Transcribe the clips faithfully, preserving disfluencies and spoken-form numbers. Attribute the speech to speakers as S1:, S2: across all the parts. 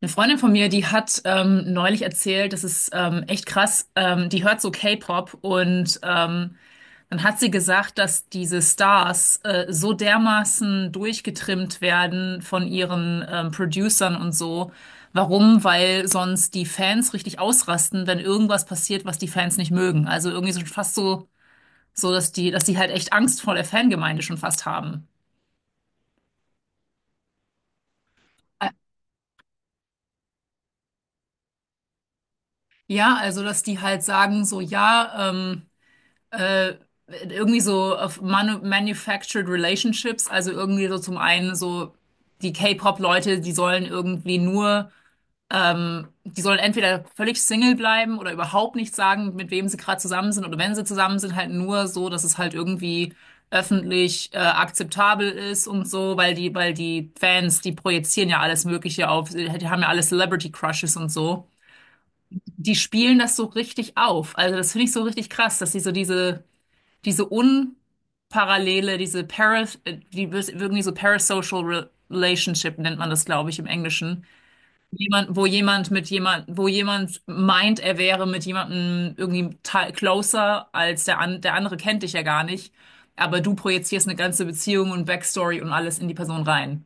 S1: Eine Freundin von mir, die hat ähm, neulich erzählt, das ist ähm, echt krass, ähm, die hört so K-Pop und ähm, dann hat sie gesagt, dass diese Stars äh, so dermaßen durchgetrimmt werden von ihren ähm, Producern und so. Warum? Weil sonst die Fans richtig ausrasten, wenn irgendwas passiert, was die Fans nicht mögen. Also irgendwie so fast so, so dass die, dass die halt echt Angst vor der Fangemeinde schon fast haben. Ja, also dass die halt sagen, so ja, ähm, Äh, irgendwie so auf Manu Manufactured Relationships, also irgendwie so zum einen so die K-Pop-Leute, die sollen irgendwie nur, ähm, die sollen entweder völlig Single bleiben oder überhaupt nicht sagen, mit wem sie gerade zusammen sind oder wenn sie zusammen sind, halt nur so, dass es halt irgendwie öffentlich äh, akzeptabel ist und so, weil die, weil die Fans, die projizieren ja alles Mögliche auf, die haben ja alle Celebrity Crushes und so. Die spielen das so richtig auf. Also das finde ich so richtig krass, dass sie so diese diese unparallele, diese Paras, äh, die wis- irgendwie so parasocial re relationship nennt man das, glaube ich, im Englischen. Jemand, wo jemand mit jemand, wo jemand meint, er wäre mit jemandem irgendwie te- closer als der an, der andere kennt dich ja gar nicht. Aber du projizierst eine ganze Beziehung und Backstory und alles in die Person rein.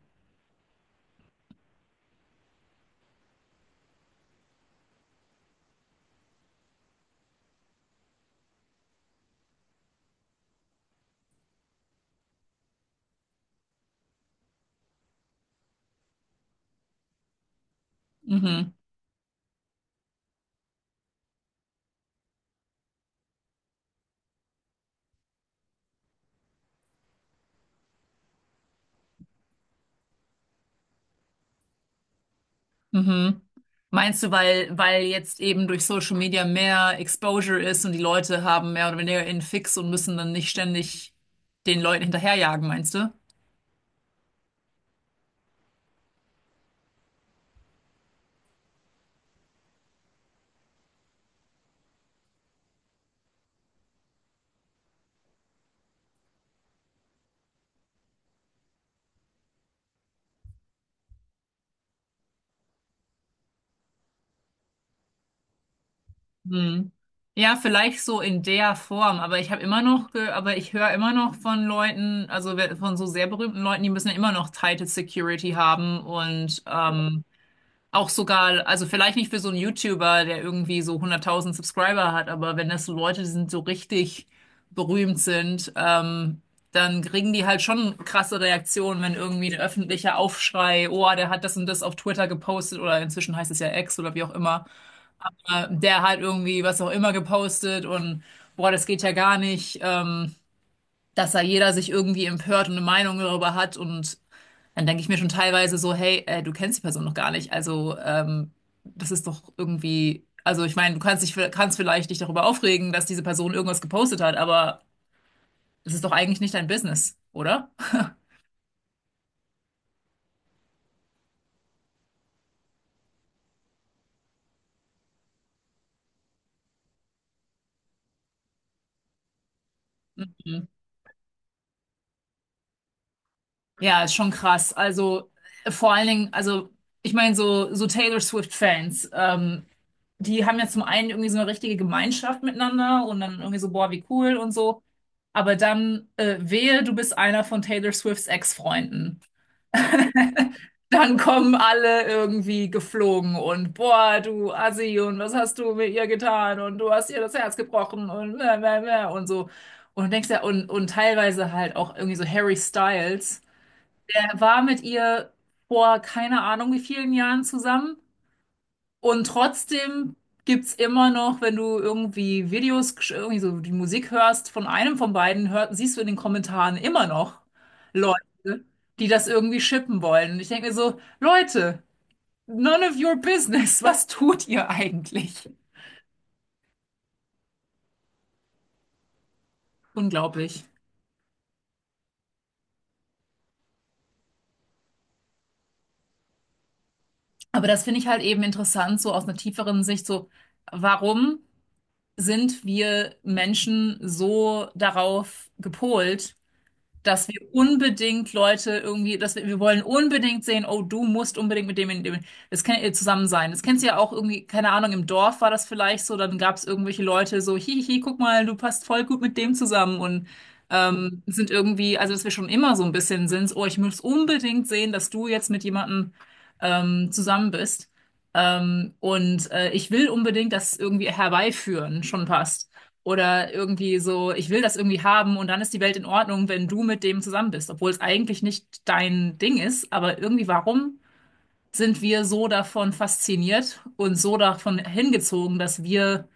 S1: Mhm. Meinst du, weil, weil jetzt eben durch Social Media mehr Exposure ist und die Leute haben mehr oder weniger einen Fix und müssen dann nicht ständig den Leuten hinterherjagen, meinst du? Hm. Ja, vielleicht so in der Form, aber ich habe immer noch, ge aber ich höre immer noch von Leuten, also we- von so sehr berühmten Leuten, die müssen ja immer noch tighte Security haben und ähm, auch sogar, also vielleicht nicht für so einen YouTuber, der irgendwie so hunderttausend Subscriber hat, aber wenn das so Leute sind, die so richtig berühmt sind, ähm, dann kriegen die halt schon krasse Reaktionen, wenn irgendwie ein öffentlicher Aufschrei, oh, der hat das und das auf Twitter gepostet oder inzwischen heißt es ja X oder wie auch immer äh, der hat irgendwie was auch immer gepostet und boah, das geht ja gar nicht, ähm, dass da jeder sich irgendwie empört und eine Meinung darüber hat und dann denke ich mir schon teilweise so, hey, äh, du kennst die Person noch gar nicht, also ähm, das ist doch irgendwie, also ich meine, du kannst dich, kannst vielleicht dich darüber aufregen, dass diese Person irgendwas gepostet hat, aber es ist doch eigentlich nicht dein Business, oder? Mhm. Ja, ist schon krass. Also äh, vor allen Dingen, also ich meine so so Taylor Swift Fans. Ähm, die haben ja zum einen irgendwie so eine richtige Gemeinschaft miteinander und dann irgendwie so, boah, wie cool und so. Aber dann äh, wehe, du bist einer von Taylor Swifts Ex-Freunden. Dann kommen alle irgendwie geflogen und boah, du Assi und was hast du mit ihr getan und du hast ihr das Herz gebrochen und mäh, mäh, mäh und so. Und du denkst ja, und, und teilweise halt auch irgendwie so Harry Styles. Er war mit ihr vor keine Ahnung wie vielen Jahren zusammen. Und trotzdem gibt's immer noch, wenn du irgendwie Videos, gesch- irgendwie so die Musik hörst von einem von beiden, hört, siehst du in den Kommentaren immer noch Leute, die das irgendwie shippen wollen. Und ich denke mir so, Leute, none of your business, was tut ihr eigentlich? Unglaublich. Aber das finde ich halt eben interessant, so aus einer tieferen Sicht, so, warum sind wir Menschen so darauf gepolt, dass wir unbedingt Leute irgendwie, dass wir, wir wollen unbedingt sehen, oh, du musst unbedingt mit dem, mit dem, das kann ihr zusammen sein. Das kennst du ja auch irgendwie, keine Ahnung, im Dorf war das vielleicht so, dann gab es irgendwelche Leute so, hihi, guck mal, du passt voll gut mit dem zusammen und ähm, sind irgendwie, also dass wir schon immer so ein bisschen sind, so, oh, ich muss unbedingt sehen, dass du jetzt mit jemandem ähm, zusammen bist. Ähm, und äh, ich will unbedingt das irgendwie herbeiführen, schon passt. Oder irgendwie so, ich will das irgendwie haben und dann ist die Welt in Ordnung, wenn du mit dem zusammen bist, obwohl es eigentlich nicht dein Ding ist. Aber irgendwie, warum sind wir so davon fasziniert und so davon hingezogen, dass wir,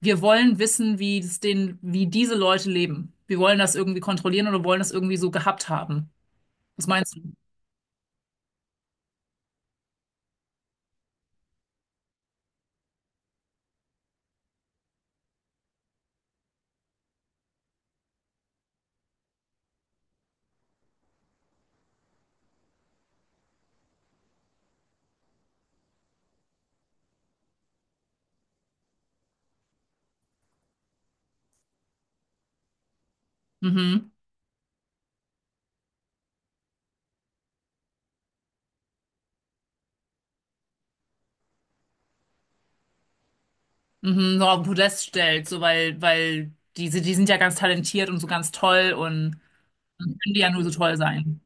S1: wir wollen wissen, wie es den, wie diese Leute leben. Wir wollen das irgendwie kontrollieren oder wollen das irgendwie so gehabt haben. Was meinst du? Mhm. Mhm. So auf den Podest stellt, so weil, weil diese, die sind ja ganz talentiert und so ganz toll und dann können die ja nur so toll sein.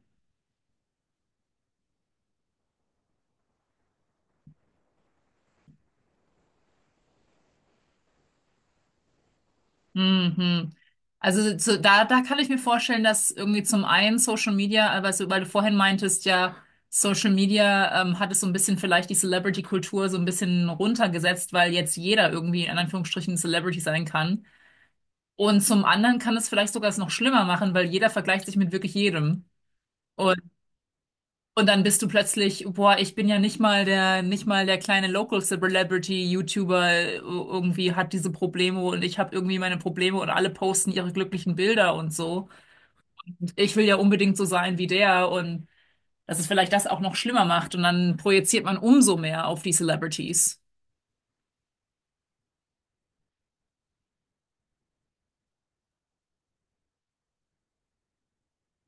S1: Mhm. Also so, da, da kann ich mir vorstellen, dass irgendwie zum einen Social Media, aber so, weil du vorhin meintest, ja, Social Media ähm, hat es so ein bisschen vielleicht die Celebrity-Kultur so ein bisschen runtergesetzt, weil jetzt jeder irgendwie in Anführungsstrichen Celebrity sein kann. Und zum anderen kann es vielleicht sogar es noch schlimmer machen, weil jeder vergleicht sich mit wirklich jedem. Und dann bist du plötzlich, boah, ich bin ja nicht mal der, nicht mal der kleine Local Celebrity YouTuber äh, irgendwie hat diese Probleme und ich habe irgendwie meine Probleme und alle posten ihre glücklichen Bilder und so. Und ich will ja unbedingt so sein wie der und dass es vielleicht das auch noch schlimmer macht und dann projiziert man umso mehr auf die Celebrities.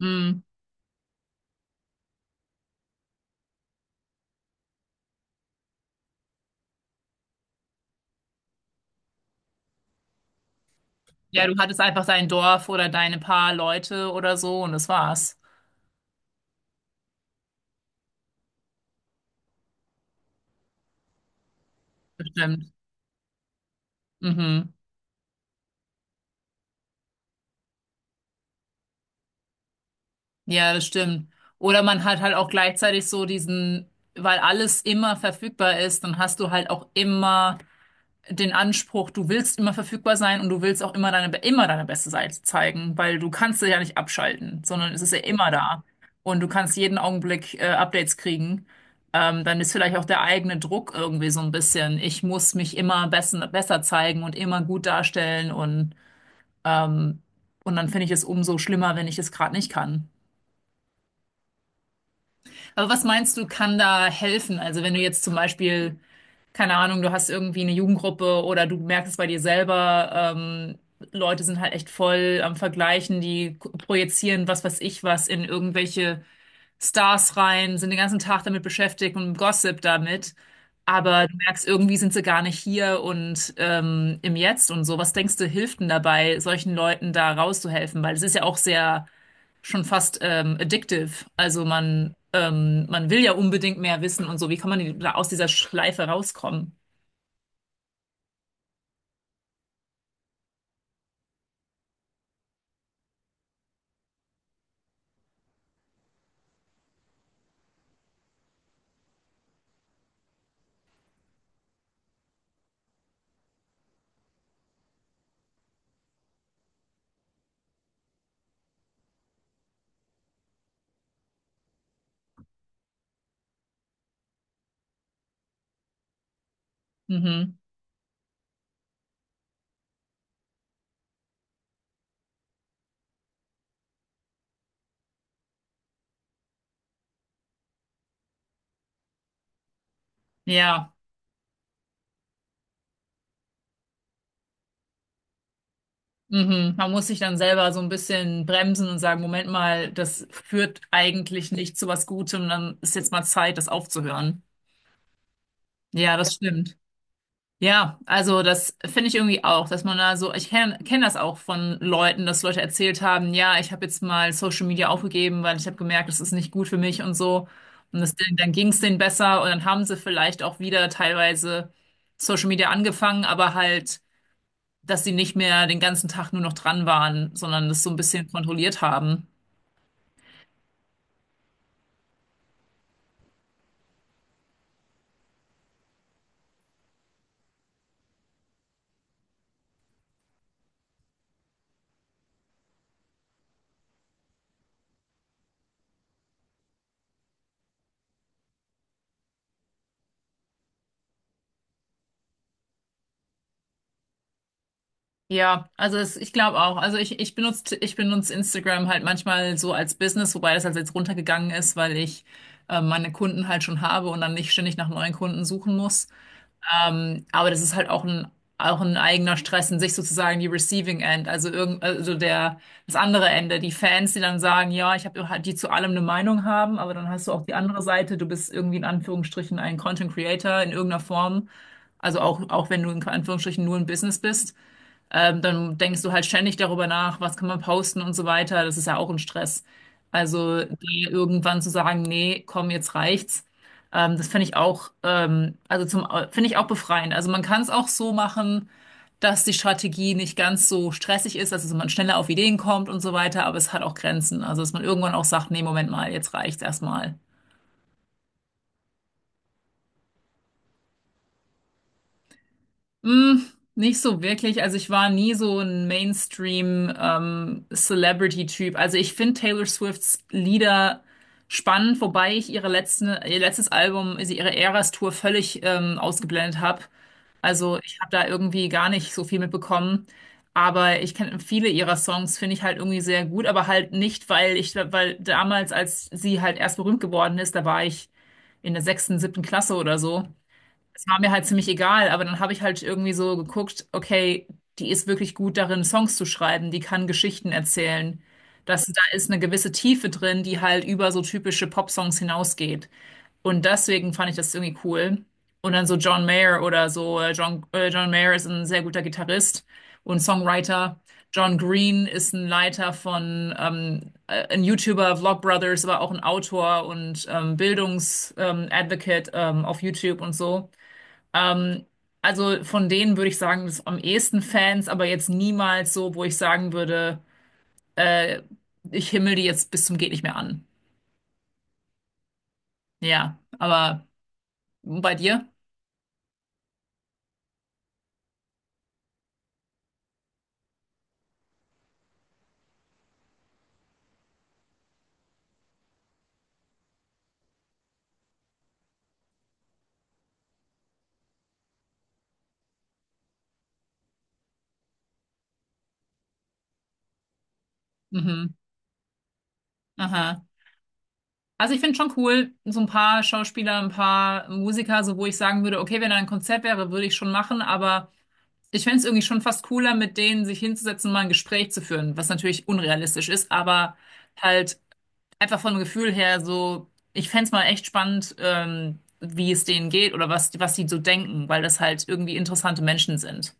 S1: Hm. Ja, du hattest einfach dein Dorf oder deine paar Leute oder so und das war's. Bestimmt. Mhm. Ja, das stimmt. Oder man hat halt auch gleichzeitig so diesen, weil alles immer verfügbar ist, dann hast du halt auch immer den Anspruch, du willst immer verfügbar sein und du willst auch immer deine, immer deine beste Seite zeigen, weil du kannst es ja nicht abschalten, sondern es ist ja immer da. Und du kannst jeden Augenblick äh, Updates kriegen. Ähm, dann ist vielleicht auch der eigene Druck irgendwie so ein bisschen. Ich muss mich immer besser, besser zeigen und immer gut darstellen und, ähm, und dann finde ich es umso schlimmer, wenn ich es gerade nicht kann. Aber was meinst du, kann da helfen? Also wenn du jetzt zum Beispiel, keine Ahnung, du hast irgendwie eine Jugendgruppe oder du merkst es bei dir selber, ähm, Leute sind halt echt voll am Vergleichen, die k- projizieren was weiß ich was in irgendwelche Stars rein, sind den ganzen Tag damit beschäftigt und Gossip damit. Aber du merkst, irgendwie sind sie gar nicht hier und ähm, im Jetzt und so. Was denkst du, hilft denn dabei, solchen Leuten da rauszuhelfen? Weil es ist ja auch sehr schon fast ähm, addictive. Also man, ähm, man will ja unbedingt mehr wissen und so. Wie kann man die- da aus dieser Schleife rauskommen? Mhm. Ja. Mhm. Man muss sich dann selber so ein bisschen bremsen und sagen, Moment mal, das führt eigentlich nicht zu was Gutem, dann ist jetzt mal Zeit, das aufzuhören. Ja, das stimmt. Ja, also das finde ich irgendwie auch, dass man da so, ich kenne kenn kenn das auch von Leuten, dass Leute erzählt haben, ja, ich habe jetzt mal Social Media aufgegeben, weil ich habe gemerkt, das ist nicht gut für mich und so. Und das, dann ging es denen besser und dann haben sie vielleicht auch wieder teilweise Social Media angefangen, aber halt, dass sie nicht mehr den ganzen Tag nur noch dran waren, sondern das so ein bisschen kontrolliert haben. Ja, also es, ich glaube auch. Also ich, ich benutze, ich benutze Instagram halt manchmal so als Business, wobei das halt jetzt runtergegangen ist, weil ich äh, meine Kunden halt schon habe und dann nicht ständig nach neuen Kunden suchen muss. Ähm, aber das ist halt auch ein, auch ein eigener Stress in sich sozusagen die Receiving End, also irgend, also der, das andere Ende, die Fans, die dann sagen, ja, ich habe halt, die zu allem eine Meinung haben, aber dann hast du auch die andere Seite, du bist irgendwie in Anführungsstrichen ein Content Creator in irgendeiner Form, also auch, auch wenn du in Anführungsstrichen nur ein Business bist. Ähm, dann denkst du halt ständig darüber nach, was kann man posten und so weiter. Das ist ja auch ein Stress. Also da irgendwann zu sagen, nee, komm, jetzt reicht's. Ähm, das finde ich auch, ähm, also zum, finde ich auch befreiend. Also man kann es auch so machen, dass die Strategie nicht ganz so stressig ist, also dass man schneller auf Ideen kommt und so weiter, aber es hat auch Grenzen. Also dass man irgendwann auch sagt, nee, Moment mal, jetzt reicht's erstmal. Mm, Nicht so wirklich. Also ich war nie so ein Mainstream ähm, Celebrity-Typ. Also ich finde Taylor Swifts Lieder spannend, wobei ich ihre letzten, ihr letztes Album, also ihre Eras-Tour völlig ähm, ausgeblendet habe. Also ich habe da irgendwie gar nicht so viel mitbekommen. Aber ich kenne viele ihrer Songs, finde ich halt irgendwie sehr gut, aber halt nicht, weil ich, weil damals, als sie halt erst berühmt geworden ist, da war ich in der sechsten, siebten Klasse oder so, es war mir halt ziemlich egal, aber dann habe ich halt irgendwie so geguckt, okay, die ist wirklich gut darin, Songs zu schreiben, die kann Geschichten erzählen. Das, da ist eine gewisse Tiefe drin, die halt über so typische Popsongs hinausgeht. Und deswegen fand ich das irgendwie cool. Und dann so John Mayer oder so, äh, John, äh, John Mayer ist ein sehr guter Gitarrist und Songwriter. John Green ist ein Leiter von, ähm, äh, ein YouTuber, Vlogbrothers, aber auch ein Autor und ähm, Bildungs, ähm, Advocate ähm, auf YouTube und so. Ähm, also von denen würde ich sagen, das am ehesten Fans, aber jetzt niemals so, wo ich sagen würde, äh, ich himmel die jetzt bis zum geht nicht mehr an. Ja, aber bei dir? Mhm. Aha. Also ich finde schon cool, so ein paar Schauspieler, ein paar Musiker, so wo ich sagen würde, okay, wenn da ein Konzert wäre, würde ich schon machen, aber ich fände es irgendwie schon fast cooler, mit denen sich hinzusetzen, mal ein Gespräch zu führen, was natürlich unrealistisch ist, aber halt einfach vom Gefühl her so, ich fänd's mal echt spannend, ähm, wie es denen geht oder was, was die so denken, weil das halt irgendwie interessante Menschen sind.